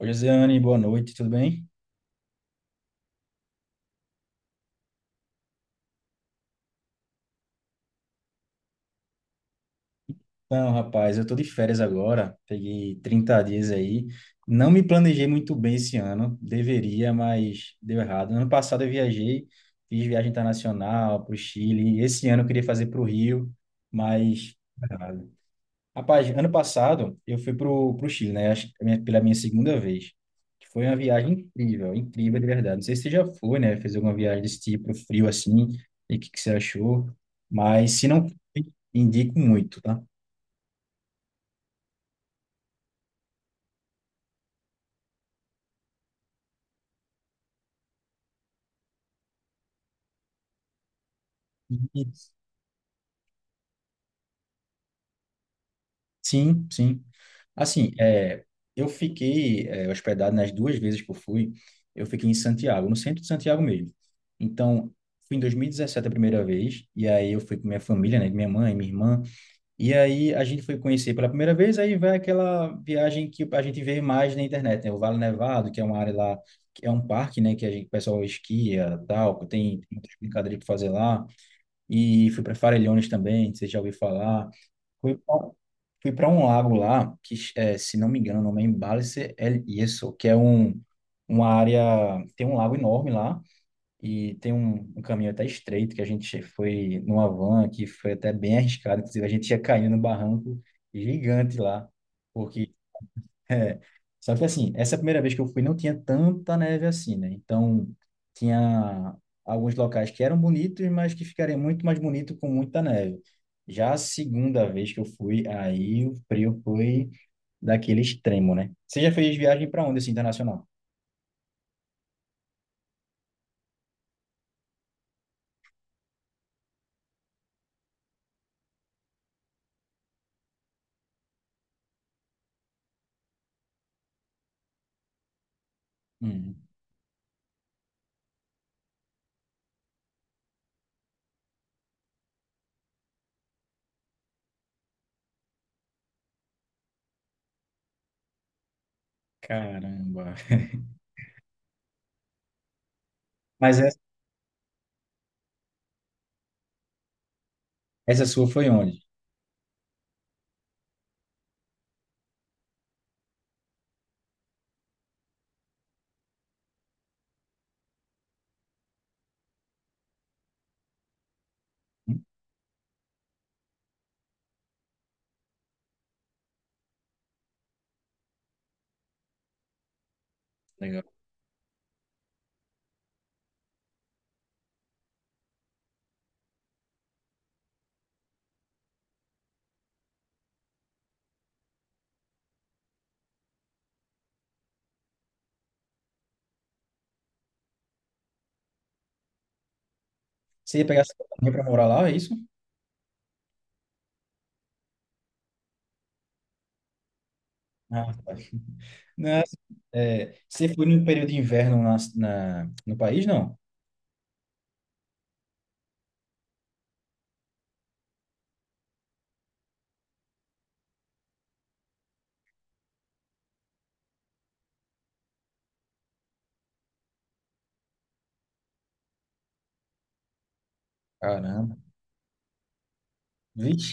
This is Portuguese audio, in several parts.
Oi, Josiane, boa noite, tudo bem? Então, rapaz, eu tô de férias agora, peguei 30 dias aí. Não me planejei muito bem esse ano, deveria, mas deu errado. Ano passado eu viajei, fiz viagem internacional para o Chile. Esse ano eu queria fazer para o Rio, mas deu errado. Rapaz, ano passado eu fui pro Chile, né? Acho que é pela minha segunda vez. Que Foi uma viagem incrível, incrível de verdade. Não sei se você já foi, né? Fez alguma viagem desse tipo, frio assim, e o que, que você achou. Mas se não, indico muito, tá? E- Sim, sim. Assim, eu fiquei hospedado nas duas vezes que eu fui, eu fiquei em Santiago, no centro de Santiago mesmo. Então, fui em 2017 a primeira vez, e aí eu fui com minha família, né? Minha mãe, minha irmã. E aí a gente foi conhecer pela primeira vez, aí vai aquela viagem que a gente vê mais na internet, né? O Vale Nevado, que é uma área lá, que é um parque, né? Que a gente, o pessoal esquia, tal, que tem muitas brincadeiras para fazer lá. E fui para Farellones também, você já ouviu falar. Fui pra- fui para um lago lá, que é, se não me engano, o nome é Embalse El Yeso, uma área, tem um lago enorme lá, e tem um caminho até estreito que a gente foi numa van que foi até bem arriscado. Inclusive, a gente ia caindo num barranco gigante lá. Porque, é, só que assim, essa primeira vez que eu fui não tinha tanta neve assim, né? Então, tinha alguns locais que eram bonitos, mas que ficariam muito mais bonito com muita neve. Já a segunda vez que eu fui, aí o frio foi daquele extremo, né? Você já fez viagem para onde, assim, internacional? Hum, caramba. Mas essa sua foi onde? Legal. Você ia pegar essa companhia para morar lá, é isso? Ah, tá. Não, você foi num período de inverno no país, não? Caramba. Vixe.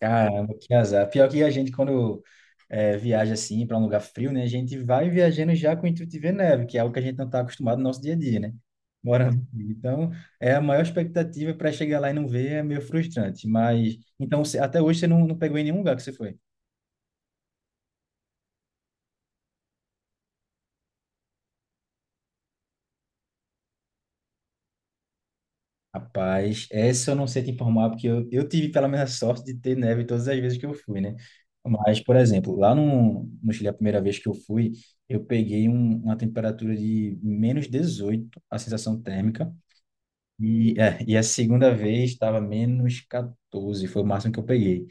Caramba, que azar. Pior que a gente, quando viaja assim para um lugar frio, né? A gente vai viajando já com o intuito de ver neve, que é algo que a gente não está acostumado no nosso dia a dia, né? Morando aqui. Então, é a maior expectativa para chegar lá e não ver é meio frustrante. Mas, então, até hoje você não pegou em nenhum lugar que você foi? Rapaz, essa eu não sei te informar, porque eu tive pela minha sorte de ter neve todas as vezes que eu fui, né? Mas, por exemplo, lá no Chile, a primeira vez que eu fui, eu peguei uma temperatura de -18 a sensação térmica, e a segunda vez estava menos 14, foi o máximo que eu peguei.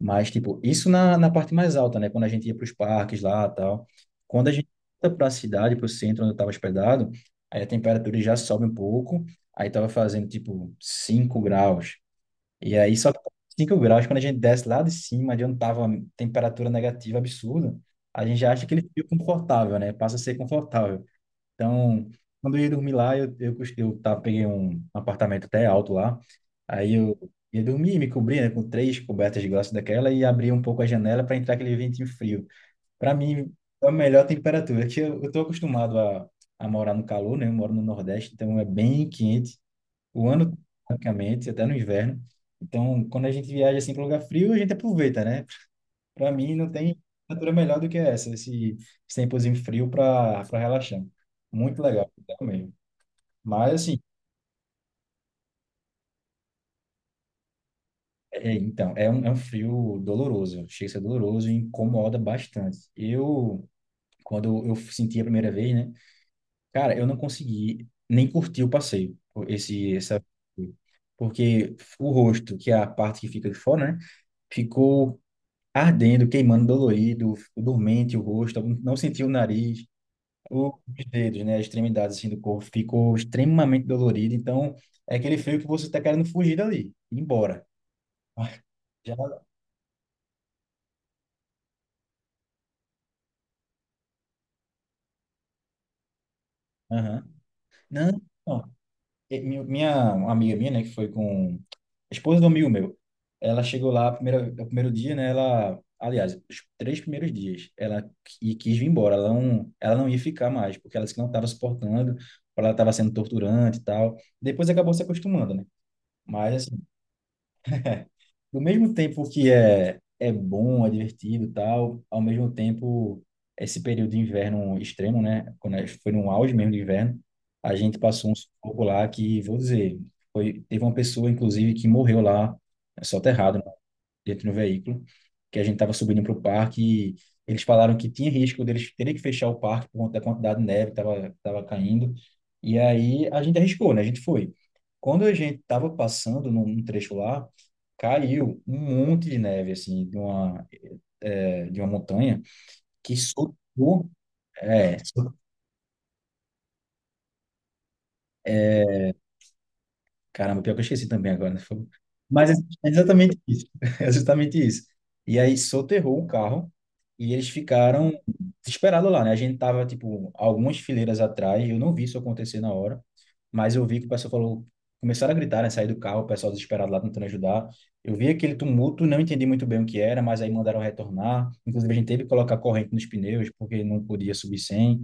Mas, tipo, isso na parte mais alta, né? Quando a gente ia para os parques lá tal. Quando a gente volta para a cidade, para o centro onde eu estava hospedado, aí a temperatura já sobe um pouco. Aí estava fazendo, tipo, 5 graus. E aí só 5 graus, quando a gente desce lá de cima, de onde estava temperatura negativa absurda, a gente já acha que ele fica confortável, né? Passa a ser confortável. Então, quando eu ia dormir lá, eu peguei um apartamento até alto lá. Aí eu ia dormir, me cobria, né, com três cobertas de glaço daquela e abria um pouco a janela para entrar aquele ventinho frio. Para mim, é a melhor temperatura, que eu tô acostumado a morar no calor, né? Eu moro no Nordeste, então é bem quente o ano, praticamente, até no inverno. Então, quando a gente viaja assim para lugar frio, a gente aproveita, né? Para mim, não tem temperatura melhor do que esse tempozinho frio para relaxar. Muito legal, legal mesmo. Mas, assim, então, é um frio doloroso, chega a ser doloroso e incomoda bastante. Eu, quando eu senti a primeira vez, né, cara, eu não consegui nem curtir o passeio, esse, essa, porque o rosto, que é a parte que fica de fora, né, ficou ardendo, queimando, dolorido, dormente o rosto, não senti o nariz. Os dedos, né, as extremidades assim, do corpo ficou extremamente dolorido, então é aquele frio que você está querendo fugir dali, ir embora. Já, aham. Não, não. E Minha uma amiga minha, né, que foi com a esposa do amigo meu, ela chegou lá o primeiro dia, né, ela, aliás, os três primeiros dias, ela quis vir embora, ela não ia ficar mais, porque ela disse que não estava suportando, ela estava sendo torturante e tal. Depois acabou se acostumando, né? Mas do mesmo tempo que é bom, é divertido e tal, ao mesmo tempo, esse período de inverno extremo, né? Quando a gente foi no auge mesmo do inverno, a gente passou um sufoco lá que, vou dizer, teve uma pessoa, inclusive, que morreu lá, soterrado dentro do veículo, que a gente estava subindo para o parque e eles falaram que tinha risco deles terem que fechar o parque por conta da quantidade de neve que estava tava caindo. E aí a gente arriscou, né? A gente foi. Quando a gente estava passando num trecho lá, caiu um monte de neve, assim, de uma montanha que soltou, é, caramba, pior que eu esqueci também agora. Né? Mas é exatamente isso. É exatamente isso. E aí soterrou o carro e eles ficaram desesperados lá, né? A gente tava, tipo, algumas fileiras atrás, eu não vi isso acontecer na hora, mas eu vi que o pessoal falou, começaram a gritar, né? Sair do carro, o pessoal desesperado lá tentando ajudar. Eu vi aquele tumulto, não entendi muito bem o que era, mas aí mandaram retornar. Inclusive, a gente teve que colocar corrente nos pneus, porque não podia subir sem.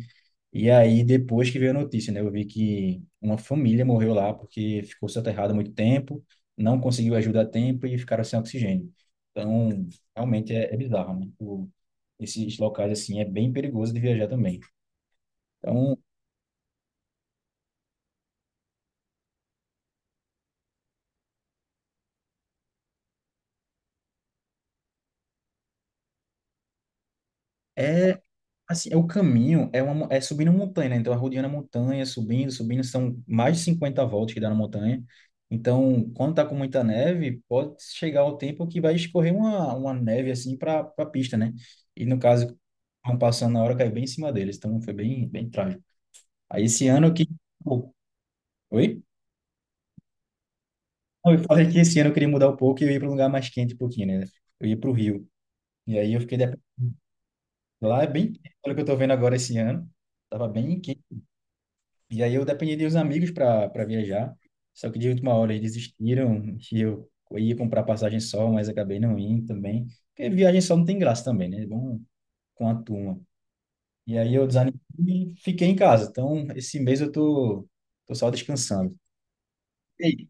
E aí, depois que veio a notícia, né? Eu vi que uma família morreu lá porque ficou soterrada há muito tempo, não conseguiu ajuda a tempo e ficaram sem oxigênio. Então, realmente é bizarro, né? Esses locais, assim, é bem perigoso de viajar também. Então, é, assim, é o caminho é subindo uma montanha, né? Então, arrodeando a montanha, subindo, subindo, são mais de 50 voltas que dá na montanha. Então, quando tá com muita neve, pode chegar o tempo que vai escorrer uma neve, assim, para a pista, né? E, no caso, vão passando na hora, caiu bem em cima deles. Então, foi bem, bem trágico. Aí, esse ano que. Pô, oi? Não, eu falei que esse ano eu queria mudar um pouco e eu ia para um lugar mais quente um pouquinho, né? Eu ia para o Rio. E aí, eu fiquei. Lá é bem quente. Pelo que eu tô vendo agora esse ano, tava bem quente. E aí eu dependi de uns amigos para viajar, só que de última hora eles desistiram, e eu ia comprar passagem só, mas acabei não indo também, porque viagem só não tem graça também, né? É bom com a turma. E aí eu desanimei e fiquei em casa. Então, esse mês eu tô só descansando. Ei,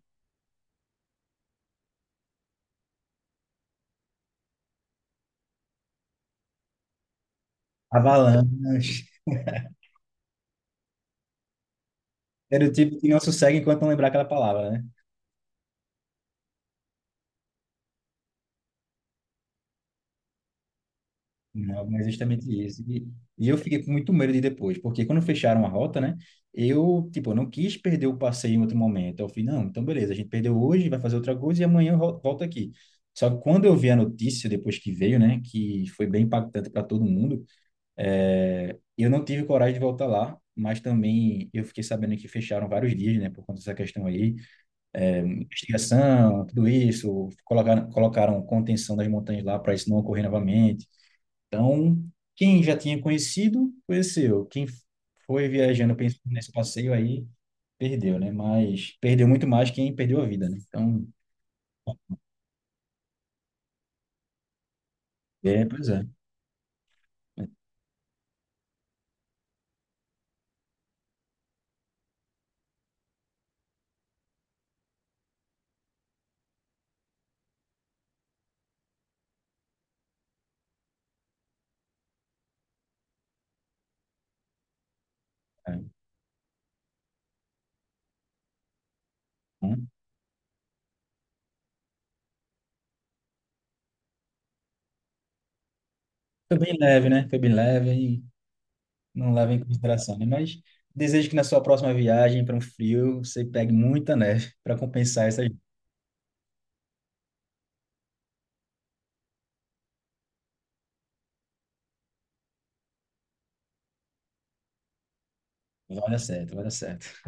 avalanche. Era o tipo que não sossega enquanto não lembrar aquela palavra, né? Não, mas é justamente isso. E eu fiquei com muito medo de ir depois, porque quando fecharam a rota, né? Eu, tipo, não quis perder o passeio em outro momento. Eu falei, não, então beleza, a gente perdeu hoje, vai fazer outra coisa e amanhã eu volto aqui. Só que quando eu vi a notícia, depois que veio, né, que foi bem impactante para todo mundo, eu não tive coragem de voltar lá, mas também eu fiquei sabendo que fecharam vários dias, né, por conta dessa questão aí. Investigação, tudo isso, colocaram contenção das montanhas lá para isso não ocorrer novamente. Então, quem já tinha conhecido, conheceu. Quem foi viajando pensando nesse passeio aí, perdeu, né? Mas perdeu muito mais quem perdeu a vida, né? Então, é, pois é. É, é. Hum. Foi bem leve, né? Foi bem leve e não leva em consideração, né? Mas desejo que na sua próxima viagem para um frio, você pegue muita neve para compensar essas. Vai dar certo, vai dar certo.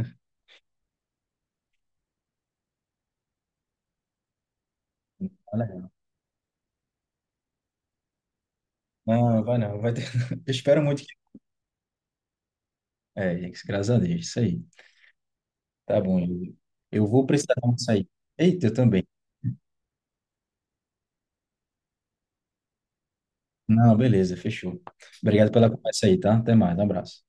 Vai dar certo. Não, vai não. Vai ter. Eu espero muito que. É, graças a Deus, isso aí. Tá bom, eu vou precisar muito sair. Eita, eu também. Não, beleza, fechou. Obrigado pela conversa aí, tá? Até mais, um abraço.